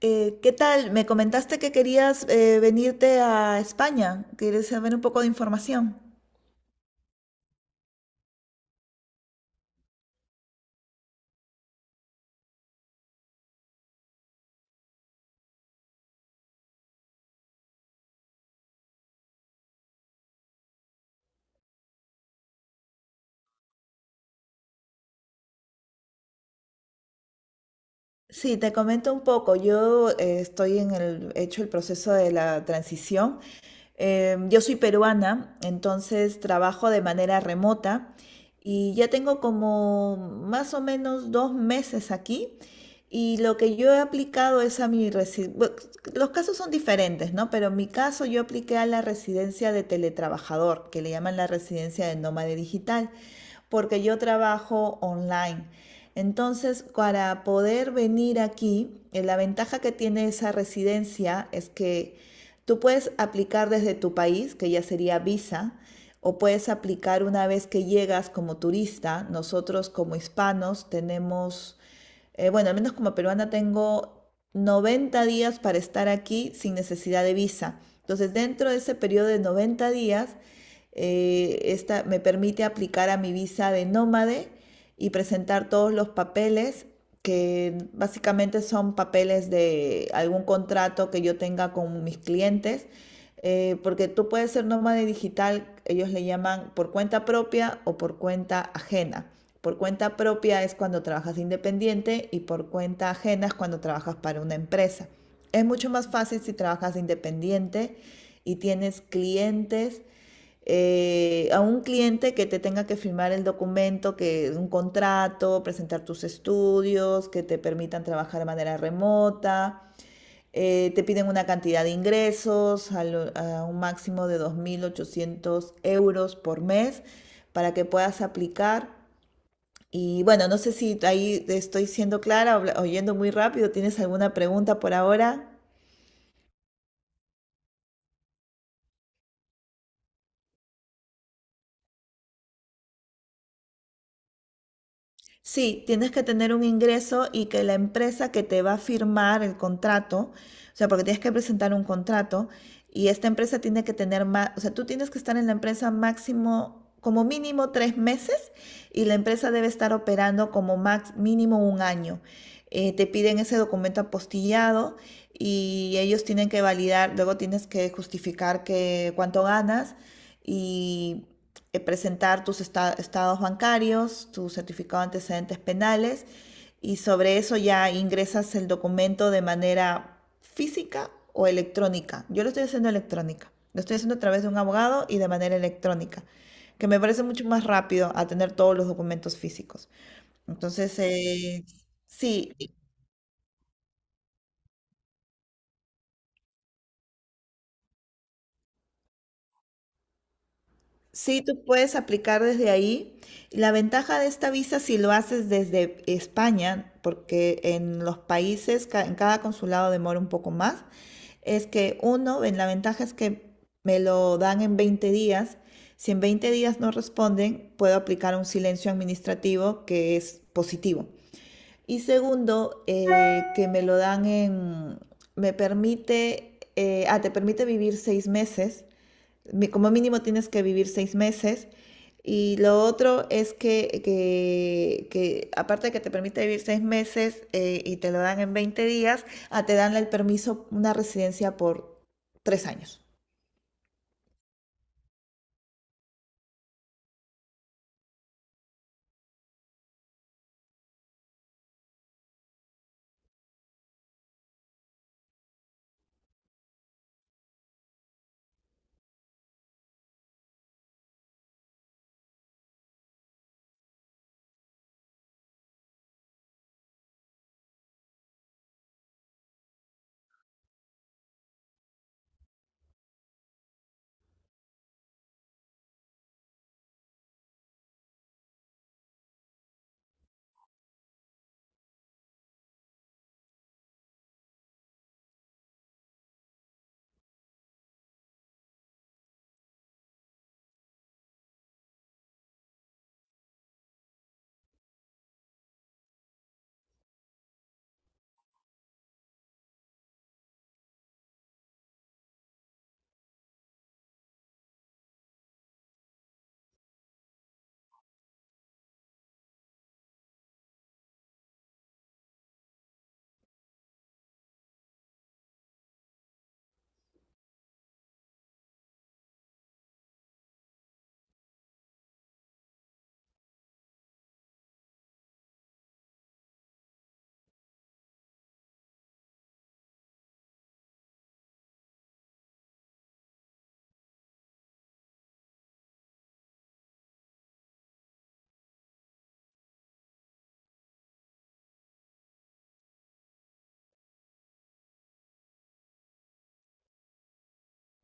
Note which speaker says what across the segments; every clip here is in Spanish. Speaker 1: ¿Qué tal? Me comentaste que querías venirte a España. ¿Quieres saber un poco de información? Sí, te comento un poco. Yo he hecho el proceso de la transición. Yo soy peruana, entonces trabajo de manera remota y ya tengo como más o menos 2 meses aquí. Y lo que yo he aplicado es a mi residencia. Los casos son diferentes, ¿no? Pero en mi caso yo apliqué a la residencia de teletrabajador, que le llaman la residencia de nómade digital, porque yo trabajo online. Entonces, para poder venir aquí, la ventaja que tiene esa residencia es que tú puedes aplicar desde tu país, que ya sería visa, o puedes aplicar una vez que llegas como turista. Nosotros como hispanos tenemos bueno, al menos como peruana tengo 90 días para estar aquí sin necesidad de visa. Entonces, dentro de ese periodo de 90 días, esta me permite aplicar a mi visa de nómade y presentar todos los papeles que básicamente son papeles de algún contrato que yo tenga con mis clientes porque tú puedes ser nómada digital, ellos le llaman por cuenta propia o por cuenta ajena. Por cuenta propia es cuando trabajas independiente y por cuenta ajena es cuando trabajas para una empresa. Es mucho más fácil si trabajas independiente y tienes clientes, a un cliente que te tenga que firmar el documento, que un contrato, presentar tus estudios, que te permitan trabajar de manera remota te piden una cantidad de ingresos a un máximo de 2.800 euros por mes para que puedas aplicar. Y bueno, no sé si ahí estoy siendo clara, oyendo muy rápido. ¿Tienes alguna pregunta por ahora? Sí, tienes que tener un ingreso y que la empresa que te va a firmar el contrato, o sea, porque tienes que presentar un contrato y esta empresa tiene que tener más, o sea, tú tienes que estar en la empresa máximo, como mínimo 3 meses y la empresa debe estar operando como mínimo un año. Te piden ese documento apostillado y ellos tienen que validar, luego tienes que justificar que cuánto ganas y presentar tus estados bancarios, tu certificado de antecedentes penales y sobre eso ya ingresas el documento de manera física o electrónica. Yo lo estoy haciendo electrónica, lo estoy haciendo a través de un abogado y de manera electrónica, que me parece mucho más rápido a tener todos los documentos físicos. Entonces, eh, sí, Sí, tú puedes aplicar desde ahí. La ventaja de esta visa si lo haces desde España, porque en los países, en cada consulado demora un poco más, es que la ventaja es que me lo dan en 20 días. Si en 20 días no responden, puedo aplicar un silencio administrativo que es positivo. Y segundo, que me lo dan en, me permite, ah, te permite vivir 6 meses, como mínimo tienes que vivir 6 meses. Y lo otro es que aparte de que te permite vivir seis meses y te lo dan en 20 días, te dan el permiso, una residencia por 3 años.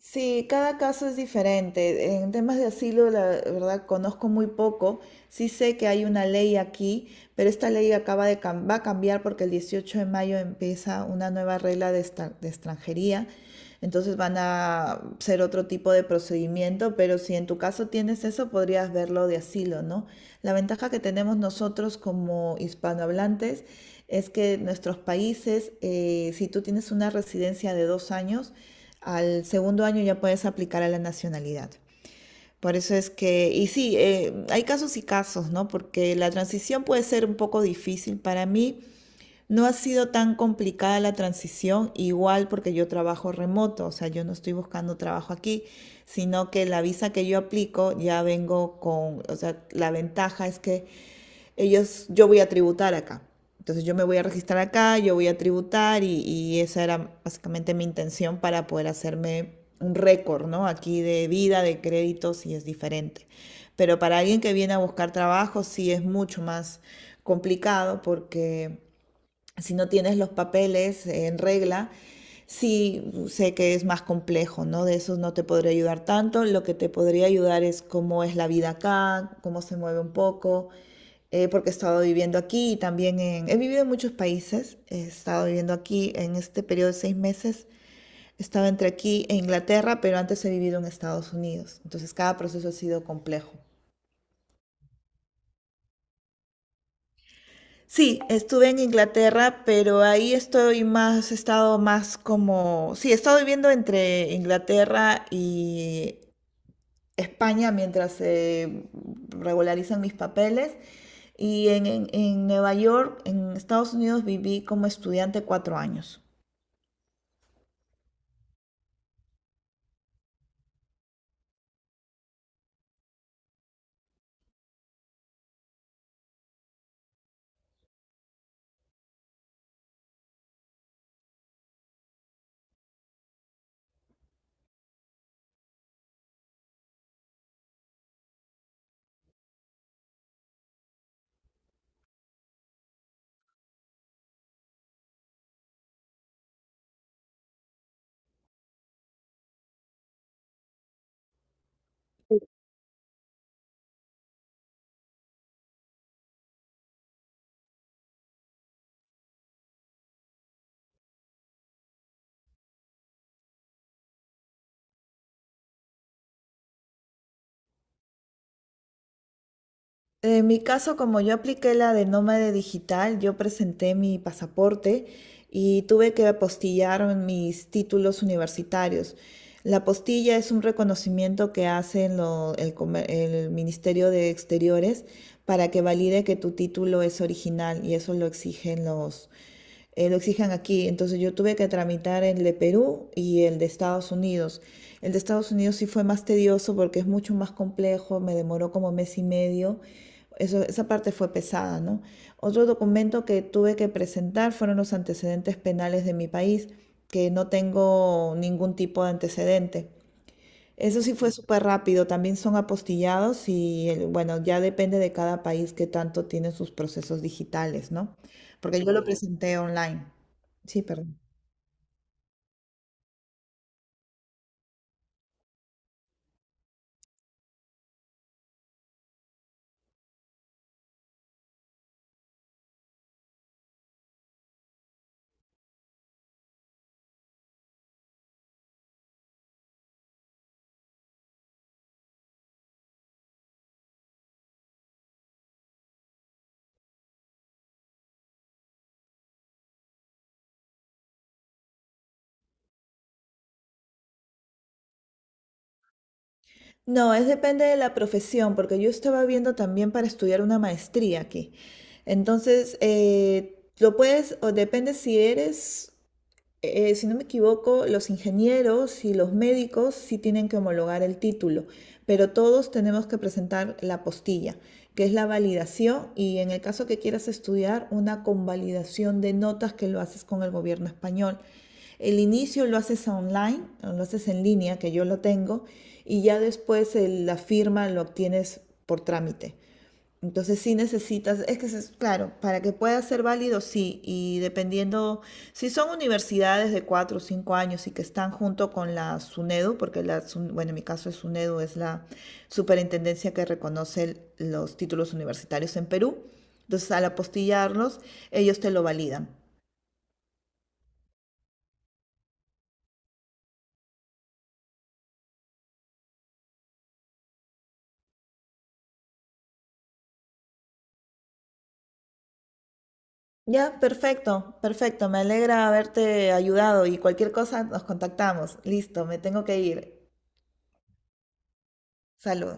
Speaker 1: Sí, cada caso es diferente. En temas de asilo, la verdad, conozco muy poco. Sí sé que hay una ley aquí, pero esta ley acaba de va a cambiar porque el 18 de mayo empieza una nueva regla de extranjería. Entonces van a ser otro tipo de procedimiento, pero si en tu caso tienes eso, podrías verlo de asilo, ¿no? La ventaja que tenemos nosotros como hispanohablantes es que nuestros países, si tú tienes una residencia de 2 años, al segundo año ya puedes aplicar a la nacionalidad. Por eso es que, y sí, hay casos y casos, ¿no? Porque la transición puede ser un poco difícil. Para mí, no ha sido tan complicada la transición, igual porque yo trabajo remoto, o sea, yo no estoy buscando trabajo aquí, sino que la visa que yo aplico ya vengo con, o sea, la ventaja es que ellos, yo voy a tributar acá. Entonces yo me voy a registrar acá, yo voy a tributar y esa era básicamente mi intención para poder hacerme un récord, ¿no? Aquí de vida, de créditos y es diferente. Pero para alguien que viene a buscar trabajo sí es mucho más complicado porque si no tienes los papeles en regla, sí sé que es más complejo, ¿no? De eso no te podría ayudar tanto. Lo que te podría ayudar es cómo es la vida acá, cómo se mueve un poco, porque he estado viviendo aquí y también. He vivido en muchos países, he estado viviendo aquí en este periodo de 6 meses. Estaba entre aquí e Inglaterra, pero antes he vivido en Estados Unidos. Entonces cada proceso ha sido complejo. Sí, estuve en Inglaterra, pero ahí estoy más, he estado más como, sí, he estado viviendo entre Inglaterra y España mientras se regularizan mis papeles. Y en Nueva York, en Estados Unidos, viví como estudiante 4 años. En mi caso, como yo apliqué la de nómade digital, yo presenté mi pasaporte y tuve que apostillar mis títulos universitarios. La apostilla es un reconocimiento que hace el Ministerio de Exteriores para que valide que tu título es original y eso lo exigen lo exigen aquí. Entonces yo tuve que tramitar el de Perú y el de Estados Unidos. El de Estados Unidos sí fue más tedioso porque es mucho más complejo, me demoró como mes y medio. Eso, esa parte fue pesada, ¿no? Otro documento que tuve que presentar fueron los antecedentes penales de mi país, que no tengo ningún tipo de antecedente. Eso sí fue súper rápido, también son apostillados y bueno, ya depende de cada país que tanto tiene sus procesos digitales, ¿no? Porque yo lo Ujú. Presenté online. Sí, perdón. No, es depende de la profesión, porque yo estaba viendo también para estudiar una maestría aquí. Entonces, lo puedes, o depende si eres si no me equivoco, los ingenieros y los médicos sí tienen que homologar el título, pero todos tenemos que presentar la postilla, que es la validación y en el caso que quieras estudiar, una convalidación de notas que lo haces con el gobierno español. El inicio lo haces online, lo haces en línea, que yo lo tengo, y ya después la firma lo obtienes por trámite. Entonces sí necesitas, es que es claro, para que pueda ser válido, sí, y dependiendo, si son universidades de 4 o 5 años y que están junto con la SUNEDU, porque la, SUN bueno, en mi caso es SUNEDU, es la superintendencia que reconoce los títulos universitarios en Perú, entonces al apostillarlos, ellos te lo validan. Ya, perfecto, perfecto, me alegra haberte ayudado y cualquier cosa nos contactamos. Listo, me tengo que ir. Saludo.